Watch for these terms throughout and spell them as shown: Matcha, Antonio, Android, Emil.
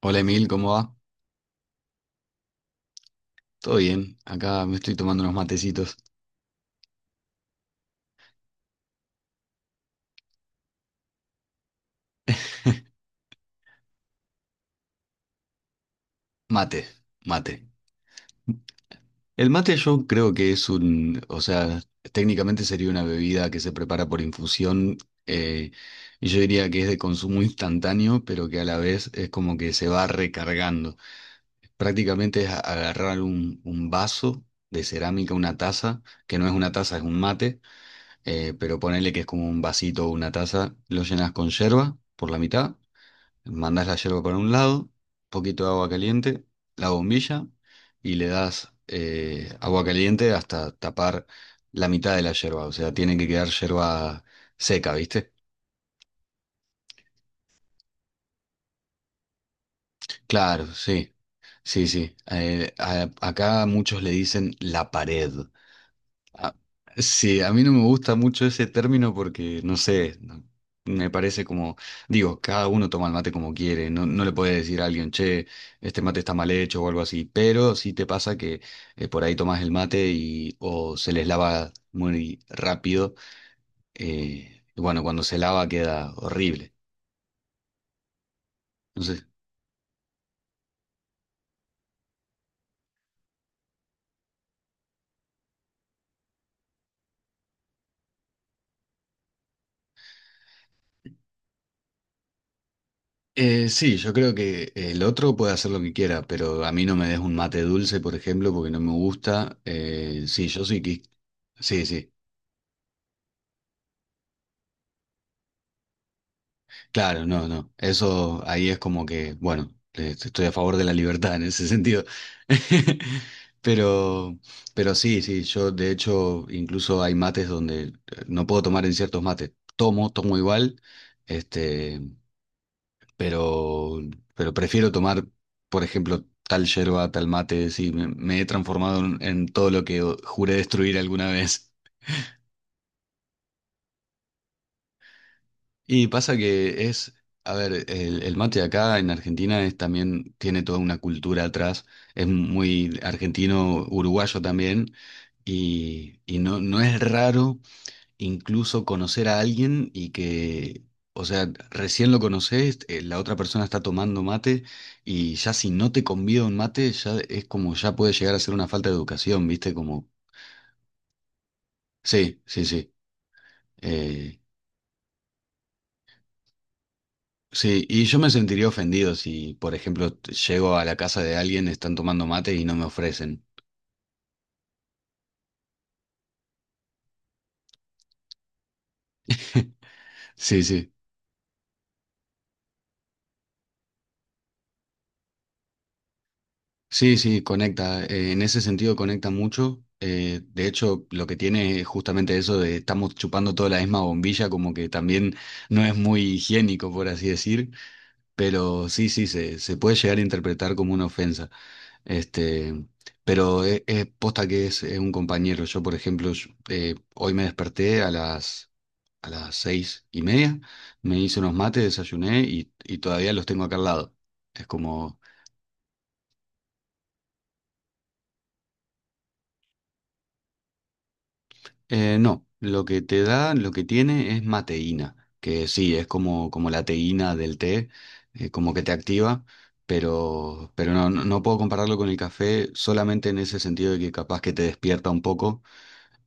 Hola Emil, ¿cómo va? Todo bien, acá me estoy tomando unos matecitos. Mate, mate. El mate yo creo que es técnicamente sería una bebida que se prepara por infusión, eh, y yo diría que es de consumo instantáneo, pero que a la vez es como que se va recargando. Prácticamente es agarrar un vaso de cerámica, una taza, que no es una taza, es un mate, pero ponele que es como un vasito o una taza, lo llenas con yerba por la mitad. Mandás la yerba para un lado, poquito de agua caliente, la bombilla y le das, agua caliente hasta tapar la mitad de la yerba. O sea, tiene que quedar yerba seca, ¿viste? Claro, sí, sí, sí. Acá muchos le dicen la pared. Ah, sí, a mí no me gusta mucho ese término porque, no sé, me parece como, digo, cada uno toma el mate como quiere, no, no le puede decir a alguien, che, este mate está mal hecho o algo así, pero sí te pasa que, por ahí tomas el mate y o se les lava muy rápido, y bueno, cuando se lava queda horrible. Entonces, sí, yo creo que el otro puede hacer lo que quiera, pero a mí no me des un mate dulce, por ejemplo, porque no me gusta. Sí, yo sí que... Sí, sí. Claro, no, no. Eso ahí es como que, bueno, estoy a favor de la libertad en ese sentido. Pero, pero sí, sí, yo de hecho incluso hay mates donde, no puedo tomar en ciertos mates. Tomo igual, este, pero, pero prefiero tomar, por ejemplo, tal yerba, tal mate. Sí, me he transformado en todo lo que juré destruir alguna vez. Y pasa que es, a ver, el mate acá en Argentina es también, tiene toda una cultura atrás, es muy argentino, uruguayo también, y no, no es raro incluso conocer a alguien y que, o sea, recién lo conoces, la otra persona está tomando mate y ya si no te convida un mate, ya es como, ya puede llegar a ser una falta de educación, ¿viste? Como, sí, sí, sí. Eh, sí, y yo me sentiría ofendido si, por ejemplo, llego a la casa de alguien, están tomando mate y no me ofrecen. Sí, sí, sí, sí, conecta. En ese sentido conecta mucho. De hecho, lo que tiene es justamente eso de estamos chupando toda la misma bombilla, como que también no es muy higiénico, por así decir. Pero sí, sí, se puede llegar a interpretar como una ofensa. Este, pero es posta que es un compañero. Yo, por ejemplo, hoy me desperté a las, a las 6:30, me hice unos mates, desayuné y todavía los tengo acá al lado. Es como, no, lo que te da, lo que tiene es mateína, que sí, es como, como la teína del té, como que te activa, pero no, no, no puedo compararlo con el café solamente en ese sentido de que capaz que te despierta un poco.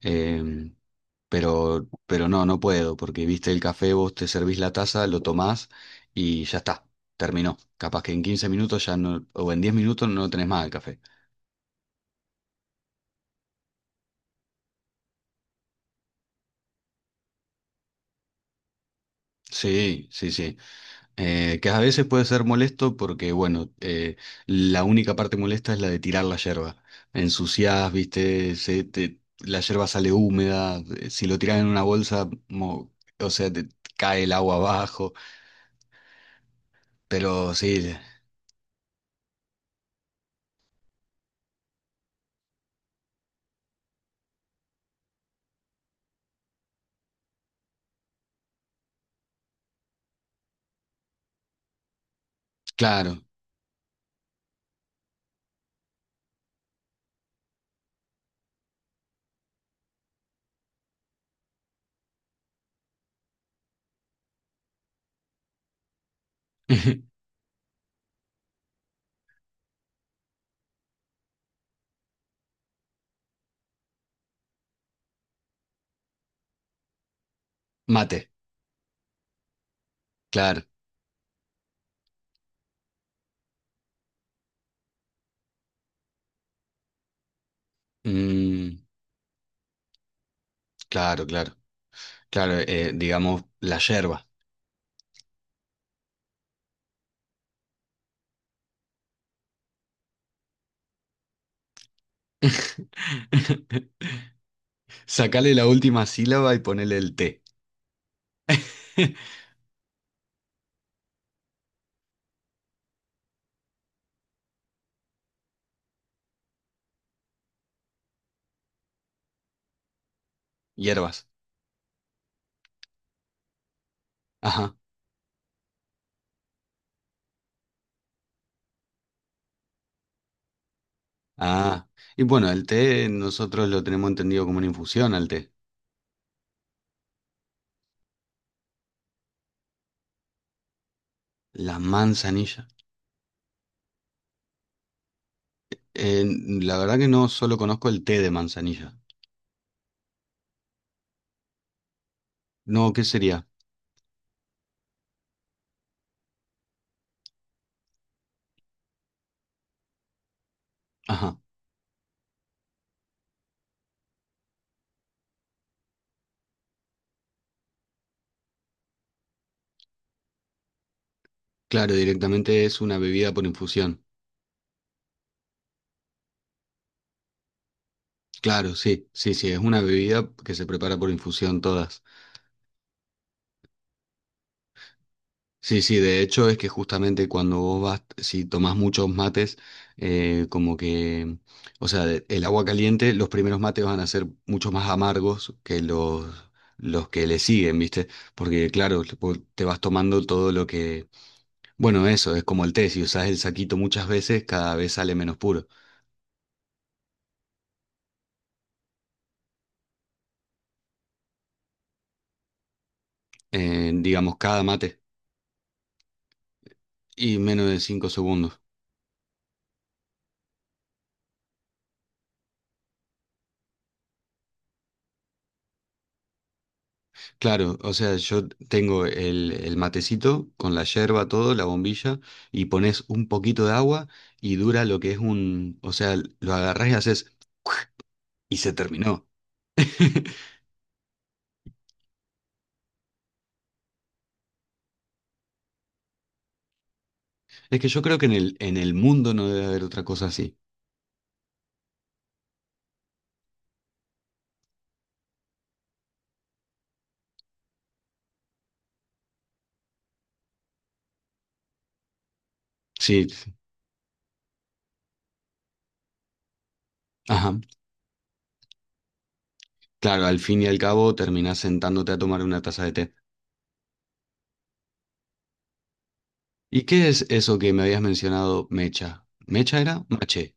Em, pero no, no puedo, porque viste el café, vos te servís la taza, lo tomás y ya está, terminó. Capaz que en 15 minutos ya no, o en 10 minutos no tenés más el café. Sí, sí, sí. Que a veces puede ser molesto porque, bueno, la única parte molesta es la de tirar la yerba. Ensuciás, viste, la yerba sale húmeda, si lo tirás en una bolsa, o sea, te cae el agua abajo, pero sí, claro. Mate. Claro, mm, claro, claro, claro, digamos la yerba. Sacale la última sílaba y ponele el té. Hierbas. Ajá. Ah. Y bueno, el té nosotros lo tenemos entendido como una infusión al té. La manzanilla. Eh, la verdad que no solo conozco el té de manzanilla. No, ¿qué sería? Ajá. Claro, directamente es una bebida por infusión. Claro, sí, sí, sí, es una bebida que se prepara por infusión todas. Sí, sí, de hecho es que justamente cuando vos vas, si tomás muchos mates, como que, o sea, el agua caliente, los primeros mates van a ser mucho más amargos que los que le siguen, ¿viste? Porque claro, vos te vas tomando todo lo que, bueno, eso, es como el té, si usás el saquito muchas veces, cada vez sale menos puro, digamos, cada mate, y menos de 5 segundos. Claro, o sea, yo tengo el matecito con la yerba, todo, la bombilla, y pones un poquito de agua y dura lo que es un, o sea, lo agarrás y haces, y se terminó. Es que yo creo que en el mundo no debe haber otra cosa así. Sí, ajá. Claro, al fin y al cabo terminás sentándote a tomar una taza de té. ¿Y qué es eso que me habías mencionado, mecha? ¿Mecha era? Mache.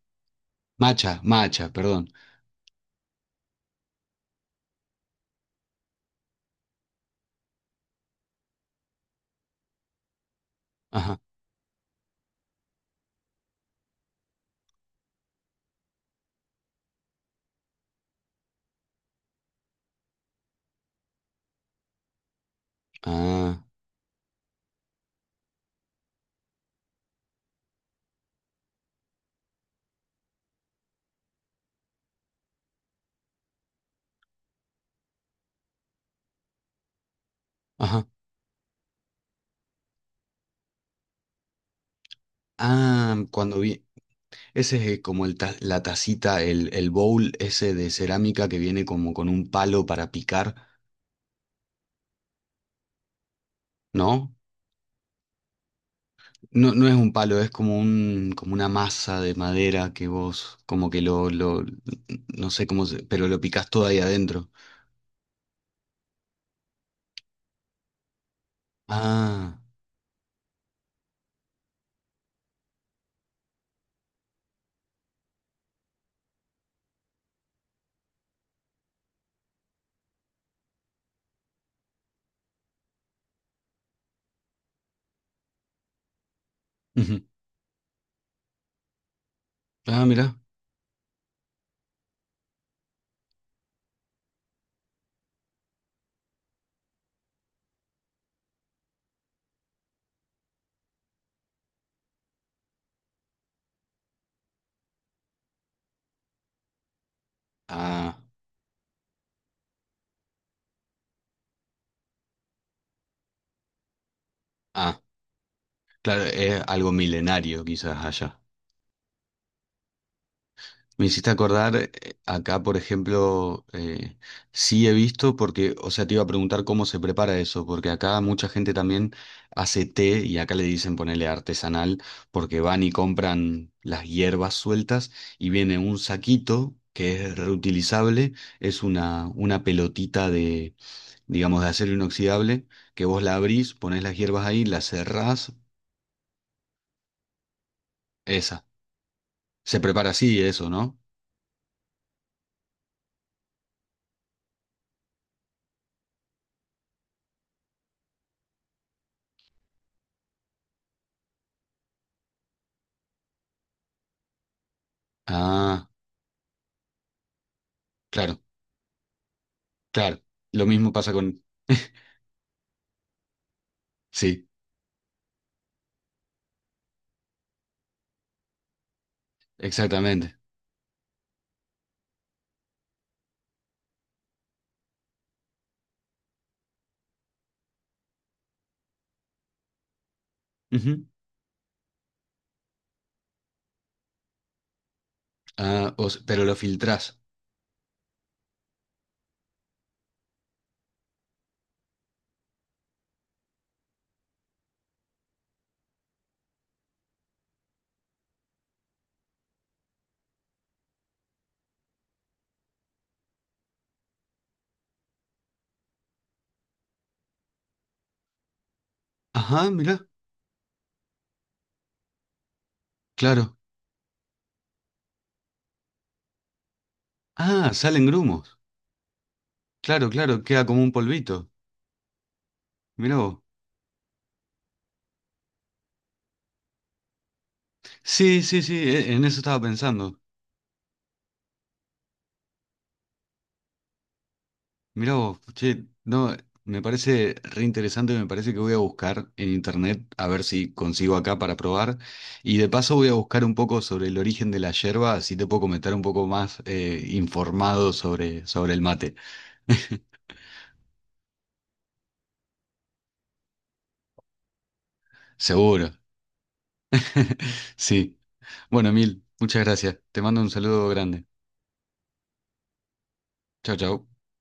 Macha, macha, perdón. Ajá. Ah, ajá. Ah, cuando vi. Ese es, como la tacita, el bowl ese de cerámica que viene como con un palo para picar, ¿no? No, no es un palo, es como un, como una masa de madera que vos, como que lo, no sé cómo se, pero lo picás todo ahí adentro. Ah, ujú. Ah, mira. Ah, ah, claro, es algo milenario quizás allá. Me hiciste acordar, acá por ejemplo, sí he visto, porque, o sea, te iba a preguntar cómo se prepara eso, porque acá mucha gente también hace té y acá le dicen ponerle artesanal, porque van y compran las hierbas sueltas y viene un saquito que es reutilizable, es una pelotita de, digamos, de acero inoxidable, que vos la abrís, ponés las hierbas ahí, las cerrás, esa. Se prepara así eso, ¿no? Ah, claro. Claro, lo mismo pasa con... Sí, exactamente. Ujú. Ah, o s- pero lo filtrás. Ajá, mirá, claro. Ah, salen grumos. Claro, claro, queda como un polvito. Mirá vos. Sí, sí, sí, en eso estaba pensando. Mirá vos, che, no, me parece re interesante, me parece que voy a buscar en internet a ver si consigo acá para probar. Y de paso voy a buscar un poco sobre el origen de la yerba, así te puedo comentar un poco más, informado sobre, sobre el mate. Seguro. Sí. Bueno, Emil, muchas gracias. Te mando un saludo grande. Chao, chao.